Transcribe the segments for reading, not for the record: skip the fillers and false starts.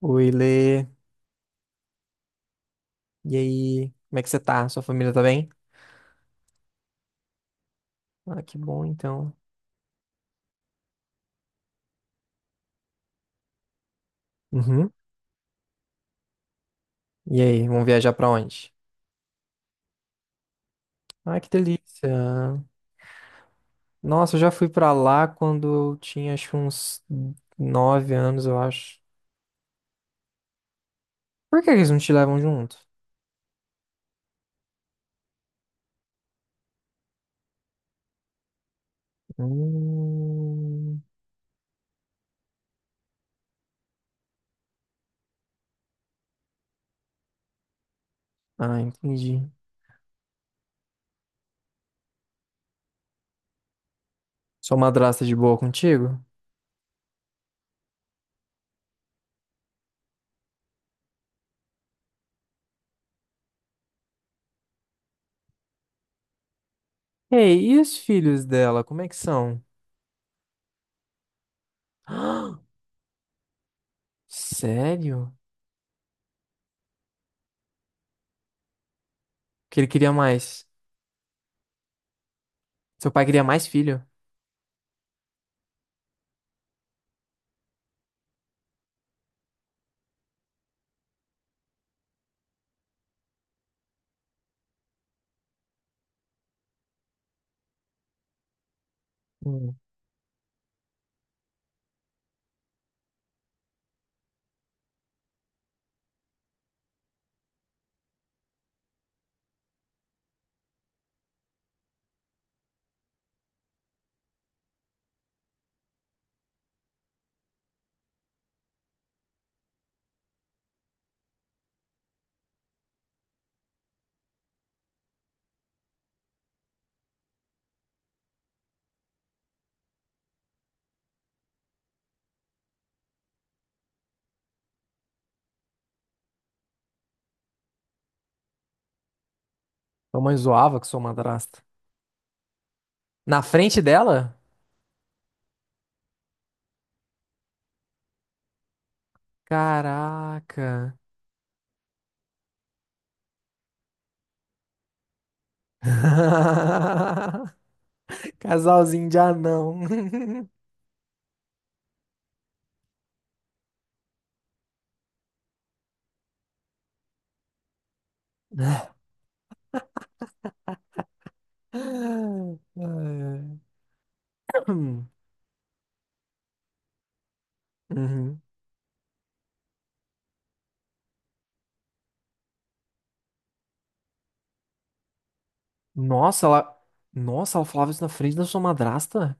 Oi, Lê. E aí? Como é que você tá? Sua família tá bem? Ah, que bom, então. Uhum. E aí, vamos viajar pra onde? Ah, que delícia. Nossa, eu já fui pra lá quando eu tinha, acho que uns nove anos, eu acho. Por que que eles não te levam junto? Hum... Ah, entendi. Sua madrasta é de boa contigo? Ei, e os filhos dela, como é que são? Sério? Que ele queria mais. Seu pai queria mais filho? Hum. Sua mãe zoava com sua madrasta. Na frente dela? Caraca. Casalzinho de anão. Ai, ai. Uhum. Nossa, ela... Nossa, ela falava isso na frente da sua madrasta?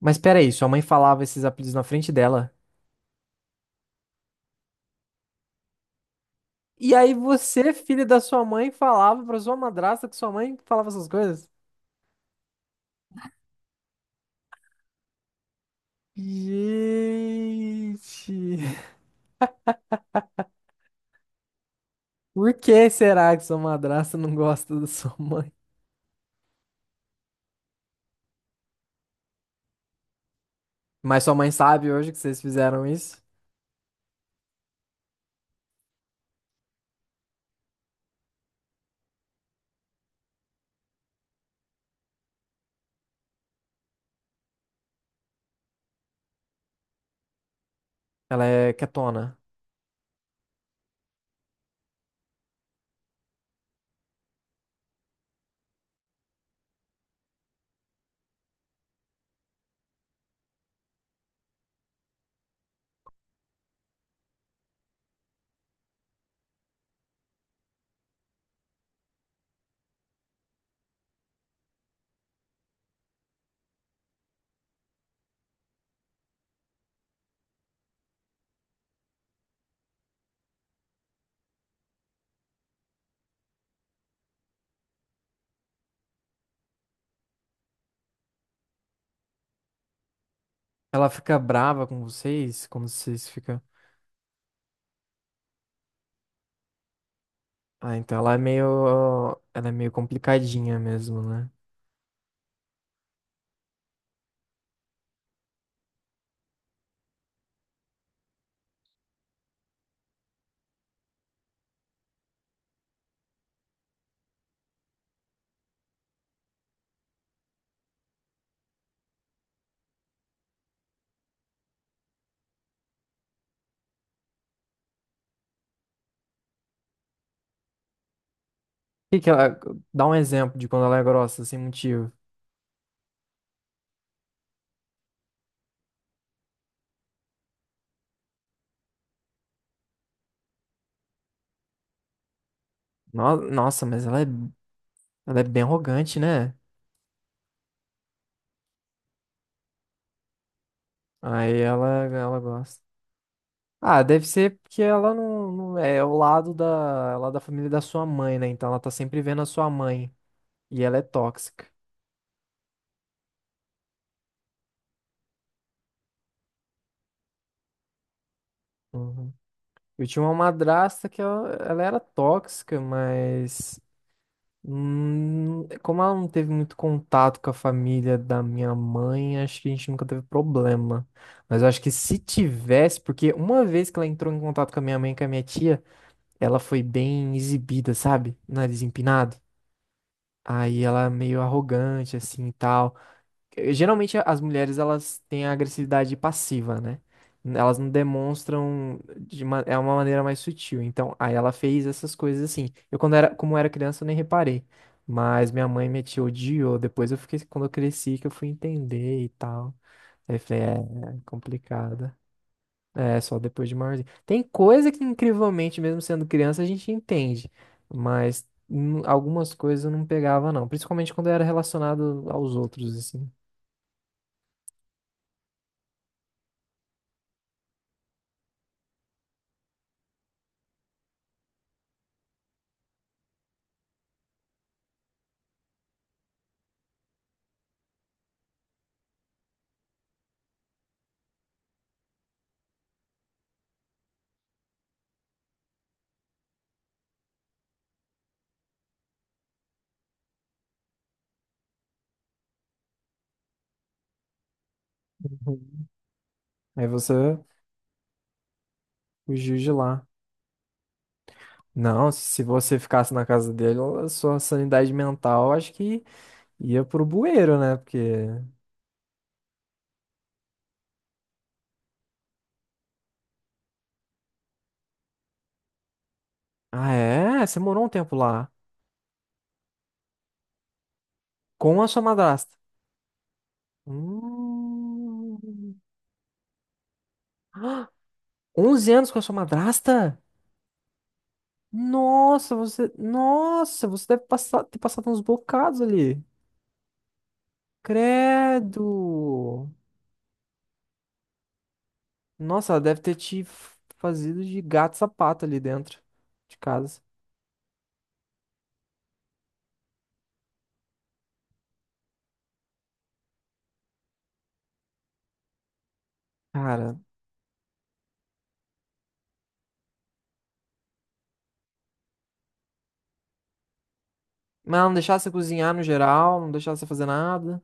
Mas peraí, sua mãe falava esses apelidos na frente dela. E aí você, filho da sua mãe, falava pra sua madrasta que sua mãe falava essas coisas? Gente! Por que será que sua madrasta não gosta da sua mãe? Mas sua mãe sabe hoje que vocês fizeram isso? Ela é quietona. Ela fica brava com vocês? Como vocês ficam. Ah, então ela é meio. Ela é meio complicadinha mesmo, né? O que que ela. Dá um exemplo de quando ela é grossa, sem motivo. No- Nossa, mas ela é. Ela é bem arrogante, né? Aí ela gosta. Ah, deve ser porque ela não, não é o lado da, ela é da família da sua mãe, né? Então ela tá sempre vendo a sua mãe. E ela é tóxica. Uhum. Eu tinha uma madrasta que ela era tóxica, mas como ela não teve muito contato com a família da minha mãe, acho que a gente nunca teve problema. Mas eu acho que se tivesse, porque uma vez que ela entrou em contato com a minha mãe e com a minha tia, ela foi bem exibida, sabe? Nariz empinado. Aí ela é meio arrogante, assim, e tal. Geralmente as mulheres elas têm a agressividade passiva, né? Elas não demonstram de uma, é uma maneira mais sutil. Então, aí ela fez essas coisas assim. Eu quando era, como era criança, eu nem reparei. Mas minha mãe me tia odiou. Depois eu fiquei, quando eu cresci, que eu fui entender e tal. Aí eu falei, é, é complicada. É, só depois de maiorzinho. Tem coisa que, incrivelmente, mesmo sendo criança, a gente entende. Mas algumas coisas eu não pegava, não. Principalmente quando era relacionado aos outros, assim. Uhum. Aí você fugiu de lá. Não, se você ficasse na casa dele, a sua sanidade mental acho que ia pro bueiro, né? Porque. Ah, é? Você morou um tempo lá. Com a sua madrasta. Hum... Ah, 11 anos com a sua madrasta? Nossa, você. Nossa, você deve passar... ter passado uns bocados ali. Credo! Nossa, ela deve ter te fazido de gato e sapato ali dentro de casa. Cara. Mas ela não deixava você cozinhar no geral, não deixava você fazer nada.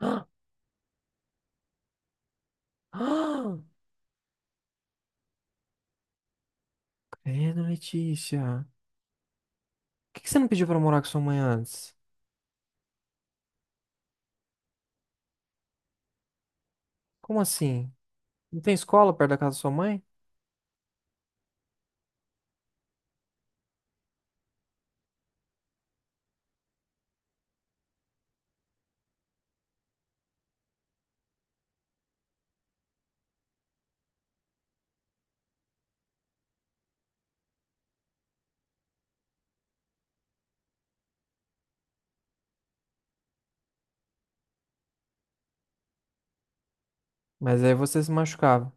Ah, ah, Credo, Letícia. Por que que você não pediu pra morar com sua mãe antes? Como assim? Não tem escola perto da casa da sua mãe? Mas aí você se machucava.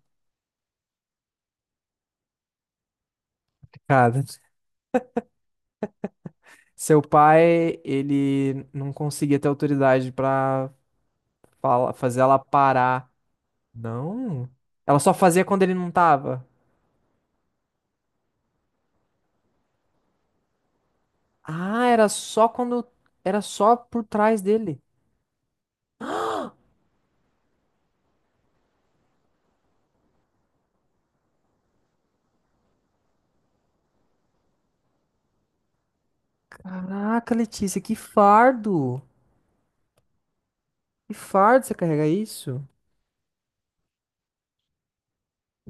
Cara, seu pai, ele não conseguia ter autoridade pra fazer ela parar. Não. Ela só fazia quando ele não tava. Ah, era só quando. Era só por trás dele. Caraca, Letícia, que fardo. Que fardo você carregar isso?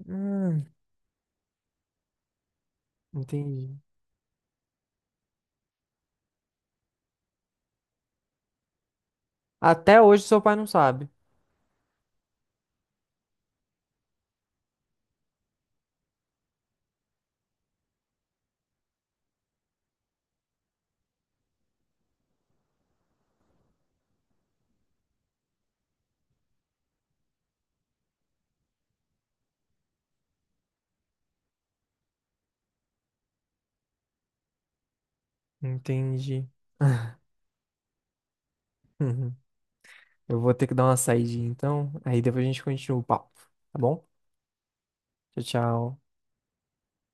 Hum, entendi. Até hoje seu pai não sabe. Entendi. Uhum. Eu vou ter que dar uma saidinha então. Aí depois a gente continua o papo, tá bom? Tchau, tchau.